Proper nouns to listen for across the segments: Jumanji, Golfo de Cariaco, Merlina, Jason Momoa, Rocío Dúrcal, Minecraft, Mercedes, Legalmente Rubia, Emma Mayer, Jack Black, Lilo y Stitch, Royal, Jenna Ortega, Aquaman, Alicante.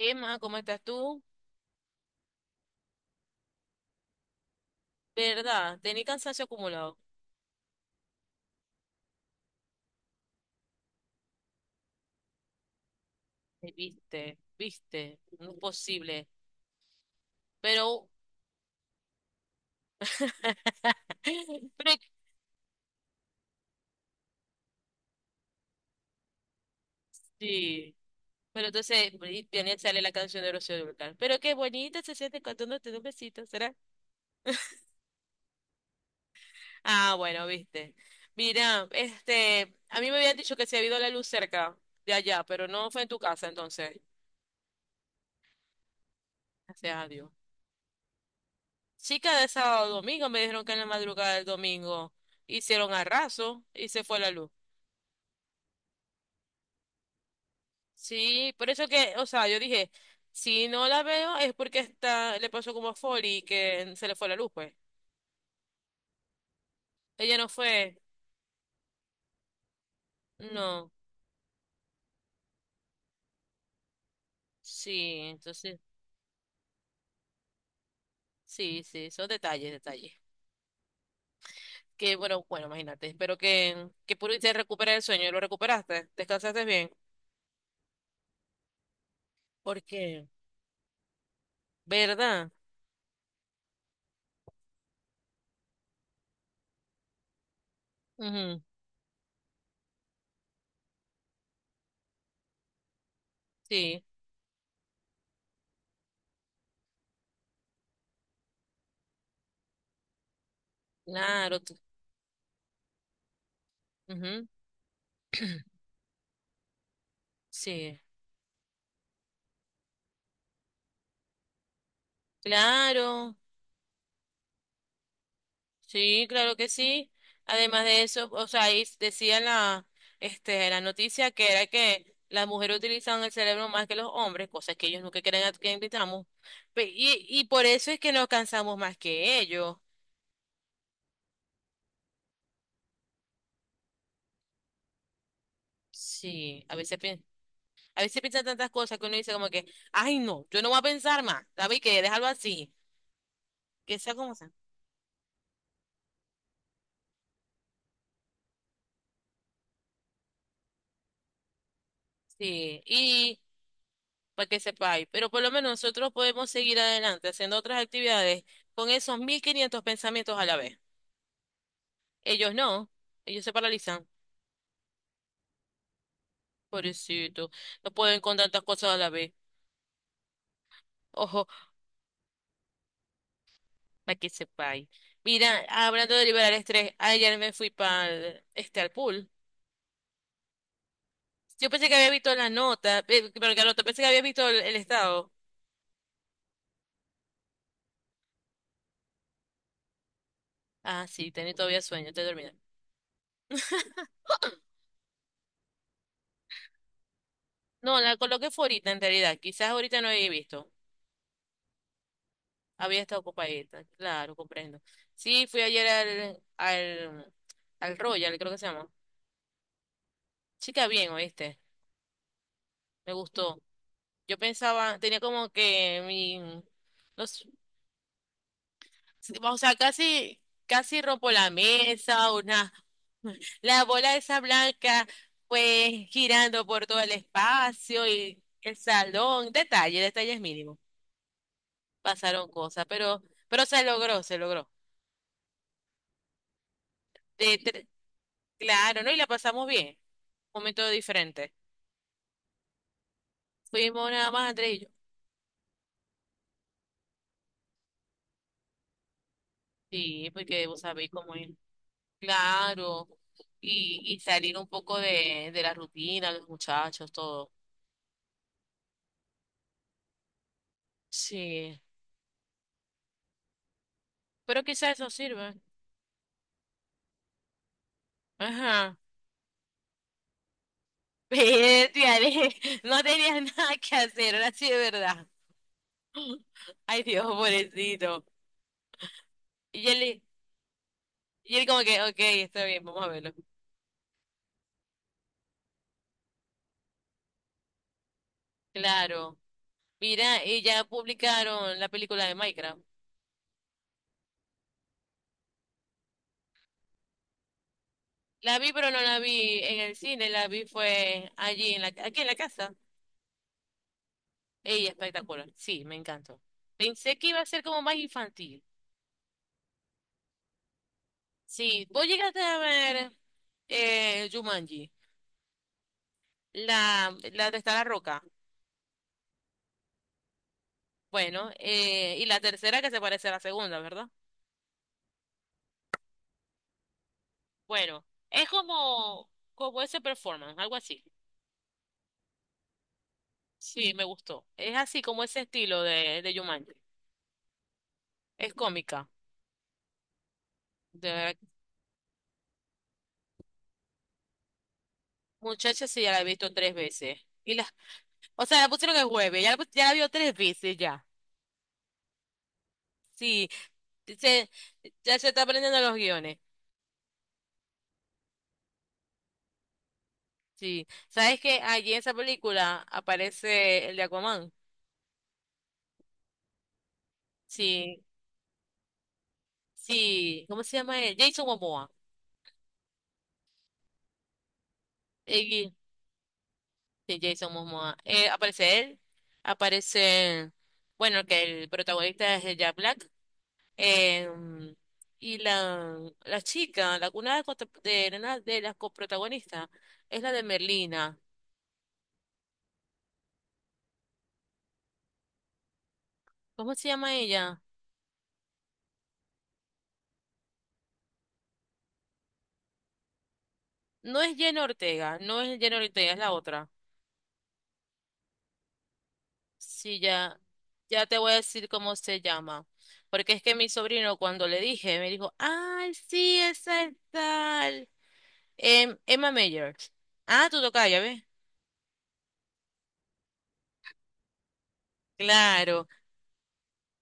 Emma, ¿cómo estás tú? ¿Verdad? Tenía cansancio acumulado. Viste, viste, no es posible. Pero, pero sí. Pero entonces, y viene sale la canción de Rocío Dúrcal. Pero qué bonita se siente cuando te da un besito, ¿será? Ah, bueno, viste. Mira, este, a mí me habían dicho que se había ido la luz cerca de allá, pero no fue en tu casa, entonces. Gracias a Dios. Sí, cada sábado o domingo me dijeron que en la madrugada del domingo hicieron arraso y se fue la luz. Sí, por eso que, o sea, yo dije, si no la veo es porque está, le pasó como a Folly que se le fue la luz, pues. Ella no fue. No. Sí, entonces, sí, sí, son detalles, detalles. Que bueno, bueno, imagínate. Espero que pudiste recuperar el sueño. ¿Lo recuperaste? ¿Descansaste bien? Porque, ¿verdad? Ujú, sí, claro. Tú- ujú, sí, claro. Sí, claro que sí. Además de eso, o sea, ahí decía en la, este, en la noticia que era que las mujeres utilizan el cerebro más que los hombres, cosas que ellos nunca creen que invitamos. Y por eso es que nos cansamos más que ellos. Sí, a veces piensan tantas cosas que uno dice como que, ay no, yo no voy a pensar más, ¿sabes qué? Déjalo así, que sea como sea. Sí, y para que sepáis, pero por lo menos nosotros podemos seguir adelante haciendo otras actividades con esos 1.500 pensamientos a la vez. Ellos no, ellos se paralizan. Pobrecito, no pueden con tantas cosas a la vez. Ojo, para que sepáis. Mira, hablando de liberar estrés, ayer me fui para al pool. Yo pensé que había visto la nota, pero la nota, pensé que había visto el estado. Ah, sí, tenía todavía sueño, estoy dormida. No, la coloqué fue ahorita en realidad, quizás ahorita no había visto. Había estado ocupadita, claro, comprendo. Sí, fui ayer al Royal, creo que se llama. Chica, bien, ¿oíste? Me gustó. Yo pensaba, tenía como que mi, no sé, sí, o sea, casi, casi rompo la mesa, una, la bola esa blanca, pues girando por todo el espacio y el salón, detalle, detalles mínimos. Pasaron cosas, pero se logró, se logró. De tre- claro, ¿no? Y la pasamos bien. Momento diferente. Fuimos nada más, Andrés y yo. Sí, porque vos sabéis cómo es. Claro. Y salir un poco de la rutina, los muchachos, todo. Sí, pero quizás eso sirve. Ajá. Pero, tía, no tenías nada que hacer, ahora sí de verdad. Ay, Dios, pobrecito. Y él, y él como que, ok, está bien, vamos a verlo. Claro. Mira, y ya publicaron la película de Minecraft. La vi, pero no la vi en el cine, la vi fue allí, en la, aquí en la casa. Ey, espectacular. Sí, me encantó. Pensé que iba a ser como más infantil. Sí, vos llegaste a ver Jumanji, la de Está la Roca. Bueno, y la tercera que se parece a la segunda, ¿verdad? Bueno, es como, como ese performance, algo así. Sí, me gustó. Es así como ese estilo de Jumanji. Es cómica. De verdad, muchacha, sí, ya la he visto tres veces. Y la, o sea, la pusieron el jueves, ya la vio tres veces ya. Sí, Se, ya se está aprendiendo los guiones. Sí. ¿Sabes que allí en esa película aparece el de Aquaman? Sí, sí. ¿Cómo se llama él? Jason Momoa. El gui- sí, Jason Momoa. Aparece él. Aparece, bueno, que el protagonista es el Jack Black. em, y la, chica, la una de, una de las coprotagonistas, es la de Merlina. ¿Cómo se llama ella? No es Jenna Ortega, no es Jenna Ortega, es la otra. Sí, ya te voy a decir cómo se llama. Porque es que mi sobrino, cuando le dije, me dijo, ay, sí, esa es tal. Emma Mayer. Ah, tú tocas, ya ves. Claro,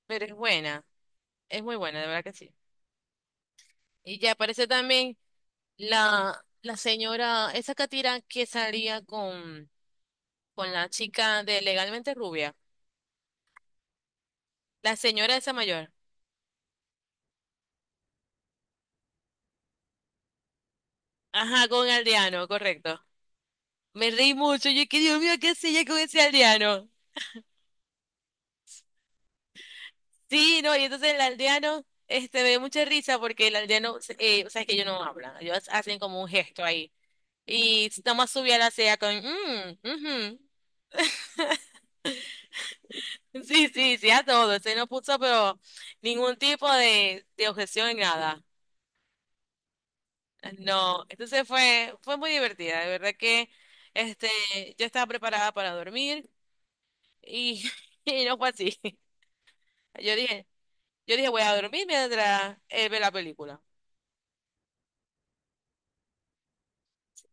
pero es buena, es muy buena, de verdad que sí. Y ya aparece también la señora, esa catira que salía con la chica de Legalmente Rubia. La señora esa mayor. Ajá, con Aldeano, correcto. Me reí mucho, yo que Dios mío, ¿qué hacía ella con ese aldeano? Sí, no, y entonces el aldeano, este, me dio mucha risa porque el aldeano, o sea, es que ellos no hablan, ellos hacen como un gesto ahí. Y nomás subía la ceja con, mm, ujú". Sí, sí, sí, a todo. Se no puso, pero ningún tipo de objeción en nada. No, entonces fue, fue muy divertida. De verdad que, este, yo estaba preparada para dormir y, y no fue así. Yo dije, yo dije, voy a dormir mientras él ve la película.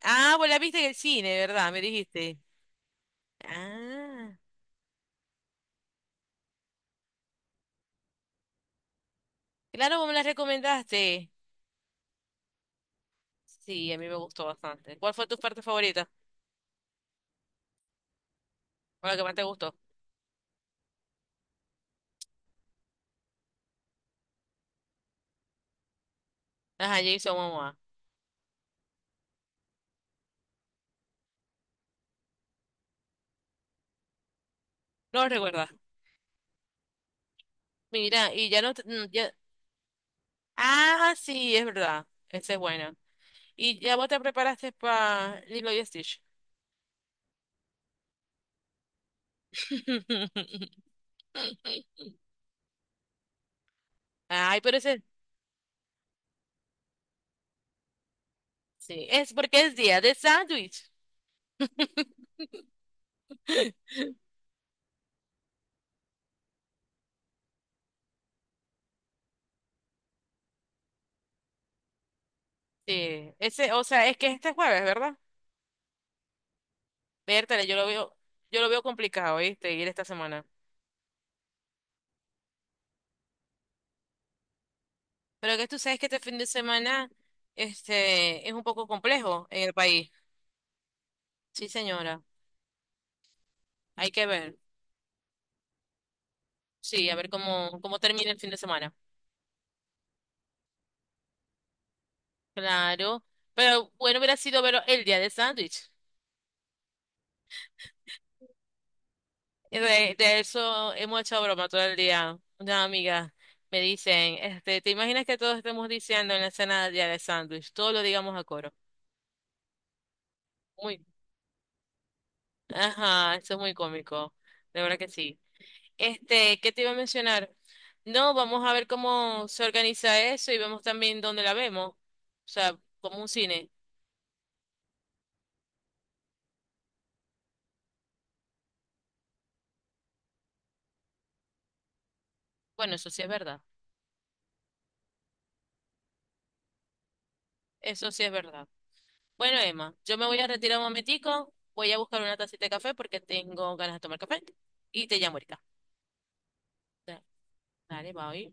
Ah, pues la viste en el cine, ¿verdad? Me dijiste. Ah, claro, vos me las recomendaste. Sí, a mí me gustó bastante. ¿Cuál fue tu parte favorita? ¿O la que más te gustó? Ajá, Jason Momoa. No lo recuerdas. Mira, y ya no te- mm, ya. Ah, sí, es verdad. Ese es bueno. ¿Y ya vos te preparaste para Lilo y Stitch? Ay, pero ese. Sí, es porque es día de sándwich. Sí, ese, o sea, es que este jueves, ¿verdad? Vértale, yo lo veo complicado, ¿viste? Ir esta semana. Pero que tú sabes que este fin de semana es un poco complejo en el país. Sí, señora. Hay que ver. Sí, a ver cómo termina el fin de semana. Claro. Pero bueno, hubiera sido verlo el día del sándwich. De eso hemos hecho broma todo el día. Una amiga me dicen, ¿te imaginas que todos estemos diciendo en la escena del día del sándwich? Todo lo digamos a coro. Muy. Ajá, eso es muy cómico. De verdad que sí. ¿Qué te iba a mencionar? No, vamos a ver cómo se organiza eso y vemos también dónde la vemos. O sea, como un cine. Bueno, eso sí es verdad. Eso sí es verdad. Bueno, Emma, yo me voy a retirar un momentico. Voy a buscar una tacita de café porque tengo ganas de tomar café. Y te llamo ahorita. Da- Dale, bye.